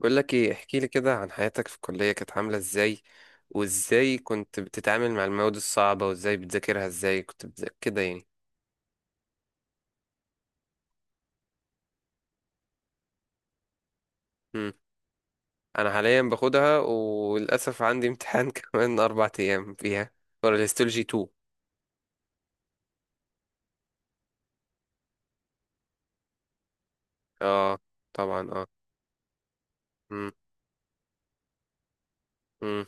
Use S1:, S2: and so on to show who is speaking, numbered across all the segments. S1: بقول لك ايه، احكي لي كده عن حياتك في الكلية كانت عاملة ازاي؟ وازاي كنت بتتعامل مع المواد الصعبة، وازاي بتذاكرها؟ ازاي كنت بتذاكر كده يعني؟ مم. انا حاليا باخدها وللاسف عندي امتحان كمان 4 ايام فيها، ورا الهيستولوجي 2. اه، طبعا اه. مم. مم.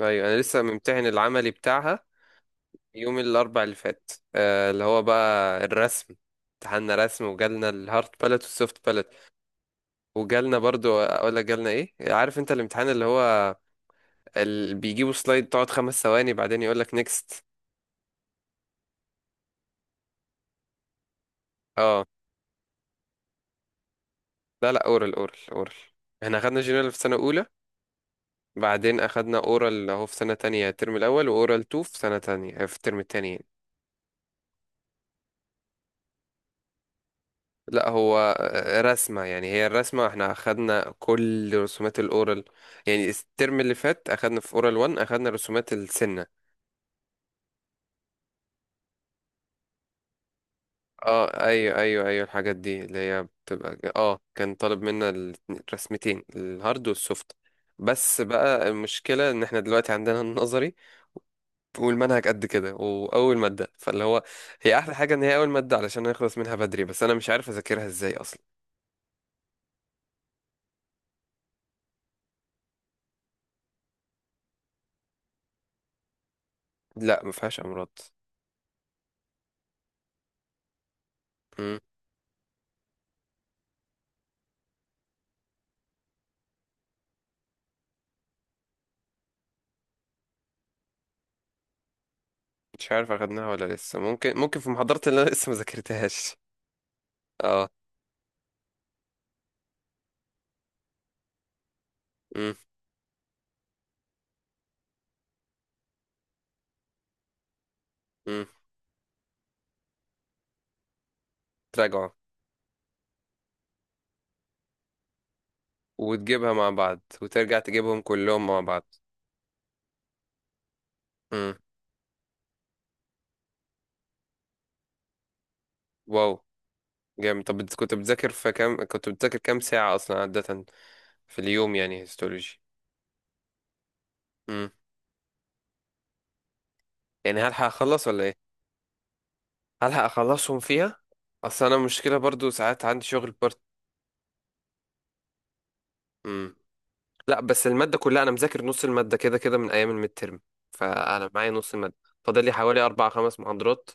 S1: ايوه، انا لسه ممتحن العملي بتاعها. يوم الاربع اللي فات، اللي هو بقى الرسم. امتحاننا رسم، وجالنا الهارد باليت والسوفت باليت. وجالنا برضو، اقول لك جالنا ايه، عارف انت الامتحان اللي هو بيجيبوا سلايد تقعد 5 ثواني بعدين يقول لك نيكست. اه. لا، لا، اورال، اورال، اورال. احنا اخدنا جنرال في سنة اولى، بعدين اخدنا اورال اهو في سنة تانية الترم الاول، واورال 2 في سنة تانية، في الترم التاني يعني. لا، هو رسمة يعني، هي الرسمة احنا اخدنا كل رسومات الاورال. يعني الترم اللي فات اخدنا في اورال 1، اخدنا رسومات السنة. اه، ايوه، ايوه، ايوه، الحاجات دي اللي هي بتبقى كان طالب منا الرسمتين الهارد والسوفت. بس بقى المشكلة ان احنا دلوقتي عندنا النظري، والمنهج قد كده، واول مادة فاللي هو. هي احلى حاجة ان هي اول مادة علشان نخلص منها بدري، بس انا مش عارف اذاكرها ازاي اصلا. لا، ما فيهاش امراض. مم. مش عارف اخدناها ولا لسه، ممكن في محاضرات اللي انا لسه ما ذاكرتهاش. اه. مم. مم. تراجعوا. وتجيبها مع بعض، وترجع تجيبهم كلهم مع بعض. مم. واو. جامد. طب كنت بتذاكر كام ساعة أصلا عادة، في اليوم يعني، هيستولوجي؟ امم. يعني هلحق أخلص ولا إيه؟ هلحق أخلصهم فيها. أصل أنا المشكلة برضو ساعات عندي شغل بارت. امم. لا، بس المادة كلها، أنا مذاكر نص المادة كده كده من أيام الميد ترم. فأنا معايا نص المادة. فاضل لي حوالي أربع خمس محاضرات.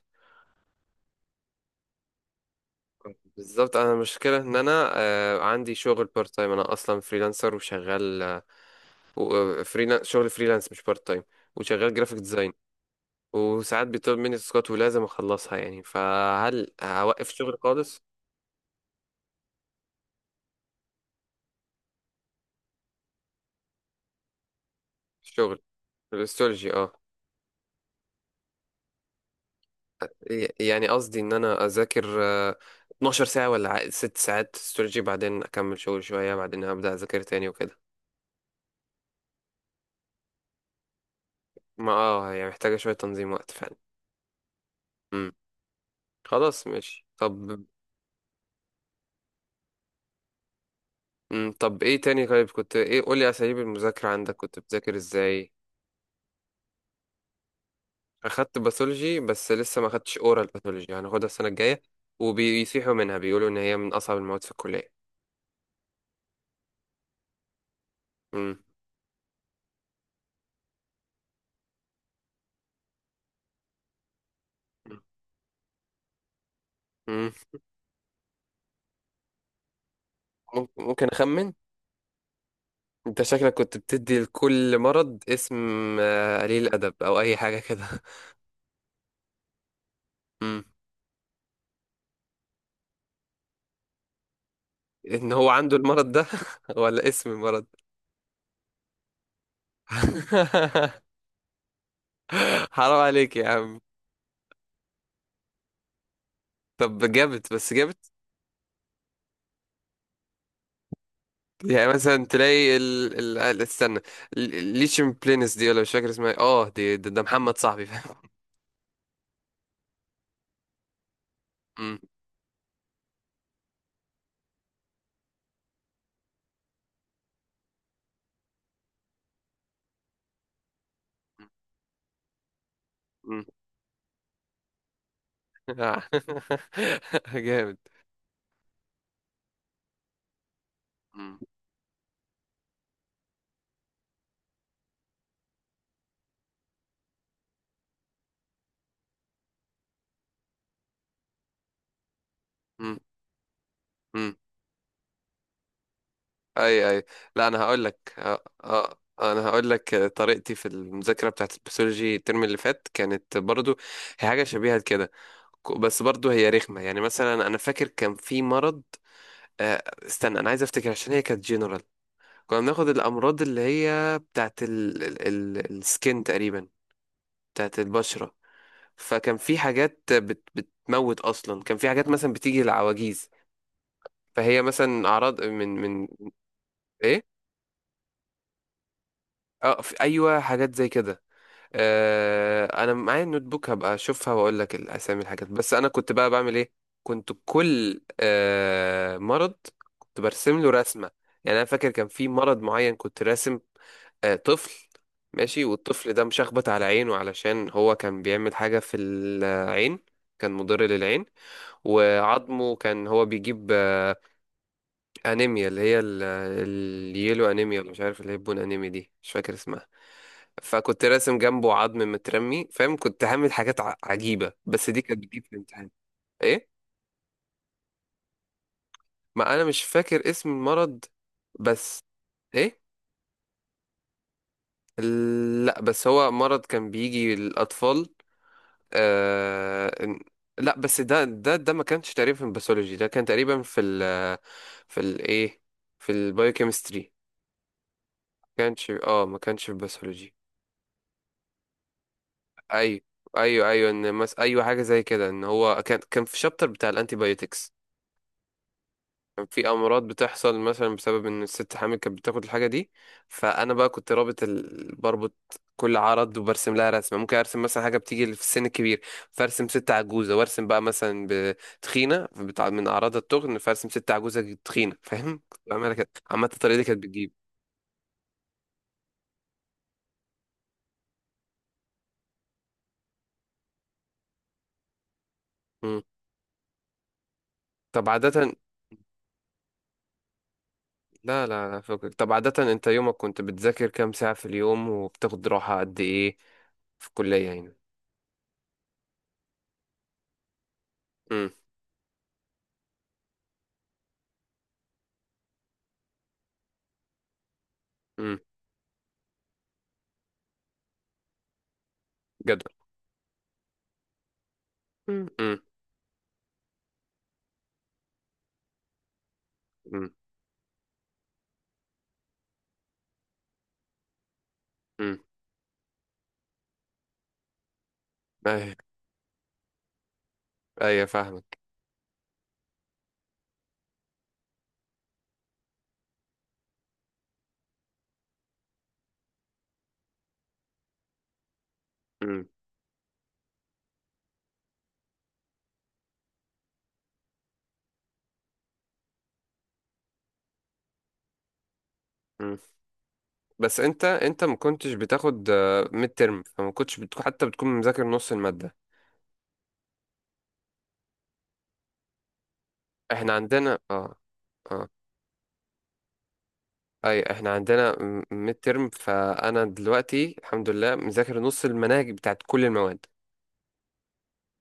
S1: بالظبط، أنا المشكلة إن أنا عندي شغل بارت تايم، أنا أصلا فريلانسر وشغال شغل فريلانس مش بارت تايم. وشغال جرافيك ديزاين. وساعات بيطلب مني تاسكات ولازم اخلصها يعني، فهل هوقف شغل خالص؟ الشغل. الاستولوجي، اه. يعني قصدي ان انا اذاكر 12 ساعة ولا 6 ساعات استولوجي، بعدين اكمل شغل شوية، بعدين هبدأ اذاكر تاني وكده. ما اه يعني محتاجة شوية تنظيم وقت فعلا. امم. خلاص، ماشي، طب. مم. طب ايه تاني؟ طيب كنت ايه، قولي اساليب المذاكرة عندك، كنت بتذاكر ازاي؟ اخدت باثولوجي، بس لسه ما اخدتش اورال باثولوجي، هناخدها السنه الجايه. وبيصيحوا منها، بيقولوا ان هي من اصعب المواد في الكليه. مم. مم. ممكن اخمن، انت شكلك كنت بتدي لكل مرض اسم. آه، قليل ادب او اي حاجه كده مم. ان هو عنده المرض ده. ولا اسم المرض؟ حرام عليك يا عم. طب جابت، بس جابت. يعني مثلا تلاقي استنى، الليشيم بلينس دي، ولا مش فاكر اسمها إيه. اه، ده محمد صاحبي، فاهم. مم. جامد. مم. مم. مم. اي، اي. لا، انا هقول لك طريقتي في المذاكره بتاعت البسيولوجي الترم اللي فات، كانت برضو هي حاجه شبيهه كده. بس برضو هي رخمه، يعني مثلا انا فاكر كان في مرض، استنى انا عايز افتكر، عشان هي كانت جنرال. كنا بناخد الامراض اللي هي بتاعت ال ال ال السكين تقريبا، بتاعت البشره. فكان في حاجات بتموت اصلا، كان في حاجات مثلا بتيجي للعواجيز. فهي مثلا اعراض من ايه. اه، في، ايوه، حاجات زي كده. آه، انا معايا النوت بوك، هبقى اشوفها واقول لك الاسامي الحاجات، بس انا كنت بقى بعمل ايه، كنت كل مرض كنت برسم له رسمه. يعني انا فاكر كان في مرض معين كنت راسم آه طفل، ماشي، والطفل ده مشخبط على عينه، علشان هو كان بيعمل حاجه في العين، كان مضر للعين. وعظمه كان هو بيجيب انيميا اللي هي اليلو انيميا، ولا مش عارف، اللي هي البون انيميا دي، مش فاكر اسمها. فكنت راسم جنبه عظم مترمي، فاهم، كنت هعمل حاجات عجيبة، بس دي كانت بتجيب في الامتحان. ايه. ما انا مش فاكر اسم المرض. بس. ايه. لا، بس هو مرض كان بيجي للاطفال. آه... لا، بس ده ما كانش تقريبا في الباثولوجي، ده كان تقريبا في ال، في الايه، في البايوكيمستري. ما كانش في الباثولوجي. ايوه، ايوه، ايوه، ايوه حاجه زي كده، ان هو كان في شابتر بتاع الانتيبيوتكس. كان في امراض بتحصل مثلا بسبب ان الست حامل كانت بتاخد الحاجه دي. فانا بقى كنت رابط بربط كل عرض وبرسم لها رسمه، ممكن ارسم مثلا حاجه بتيجي في السن الكبير، فارسم ست عجوزه، وارسم بقى مثلا بتخينه بتاع من اعراض التخن، فارسم ست عجوزه تخينه، فاهم، كنت بعملها كده، عامه الطريقه دي كانت بتجيب. مم. طب عاده. لا، لا، لا، فكك، طب عادة انت يومك كنت بتذاكر كام ساعة في اليوم، وبتاخد راحة قد ايه، في الكلية هنا؟ امم. امم. جدول. امم. امم. امم. امم. ايوه. ايوه، فاهمك. امم. امم. بس انت ما كنتش بتاخد ميد ترم، فما كنتش بتكون حتى بتكون مذاكر نص المادة. احنا عندنا، اه. اه. اي، احنا عندنا ميد ترم، فانا دلوقتي الحمد لله مذاكر نص المناهج بتاعت كل المواد.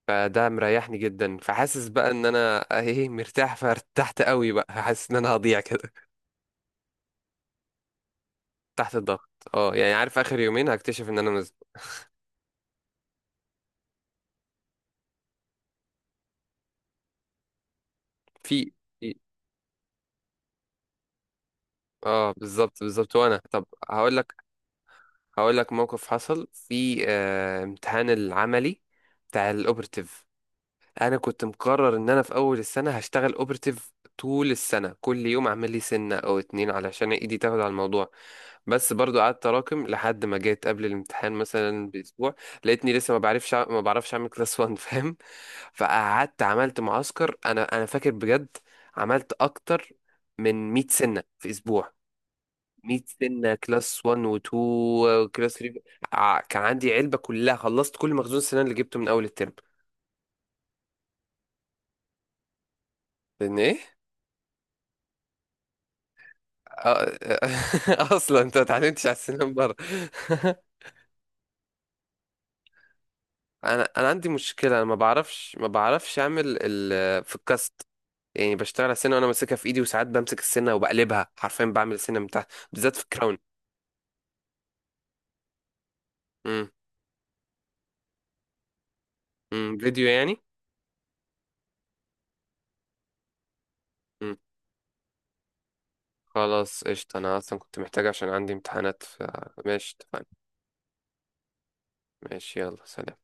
S1: فده مريحني جدا، فحاسس بقى ان انا، ايه، مرتاح، فارتحت قوي بقى، حاسس ان انا هضيع كده. تحت الضغط، اه يعني، عارف اخر يومين هكتشف ان انا في في- اه، بالظبط، بالظبط، وانا، طب هقول لك. هقول لك موقف حصل في امتحان العملي بتاع الاوبرتيف. انا كنت مقرر ان انا في اول السنه هشتغل اوبرتيف طول السنه، كل يوم اعمل لي سنه او اتنين علشان ايدي تاخد على الموضوع. بس برضو قعدت اراكم لحد ما جيت قبل الامتحان مثلا باسبوع. لقيتني لسه ما بعرفش اعمل كلاس 1 فاهم. فقعدت عملت معسكر، انا فاكر بجد، عملت اكتر من 100 سنه في اسبوع. 100 سنه، كلاس 1 و2 وكلاس 3. كان عندي علبه كلها خلصت، كل مخزون السنه اللي جبته من اول الترم. لان ايه، آه، اصلا انت ما اتعلمتش على السنان بره. انا عندي مشكله، انا ما بعرفش اعمل في الكاست. يعني بشتغل على السنه وانا ماسكها في ايدي، وساعات بمسك السنه وبقلبها حرفيا، بعمل السنه من تحت، بالذات في الكراون. امم. امم، فيديو يعني. امم، خلاص قشطه، انا اصلا كنت محتاج عشان عندي امتحانات ماشي اتفقنا. ماشي، يلا، سلام.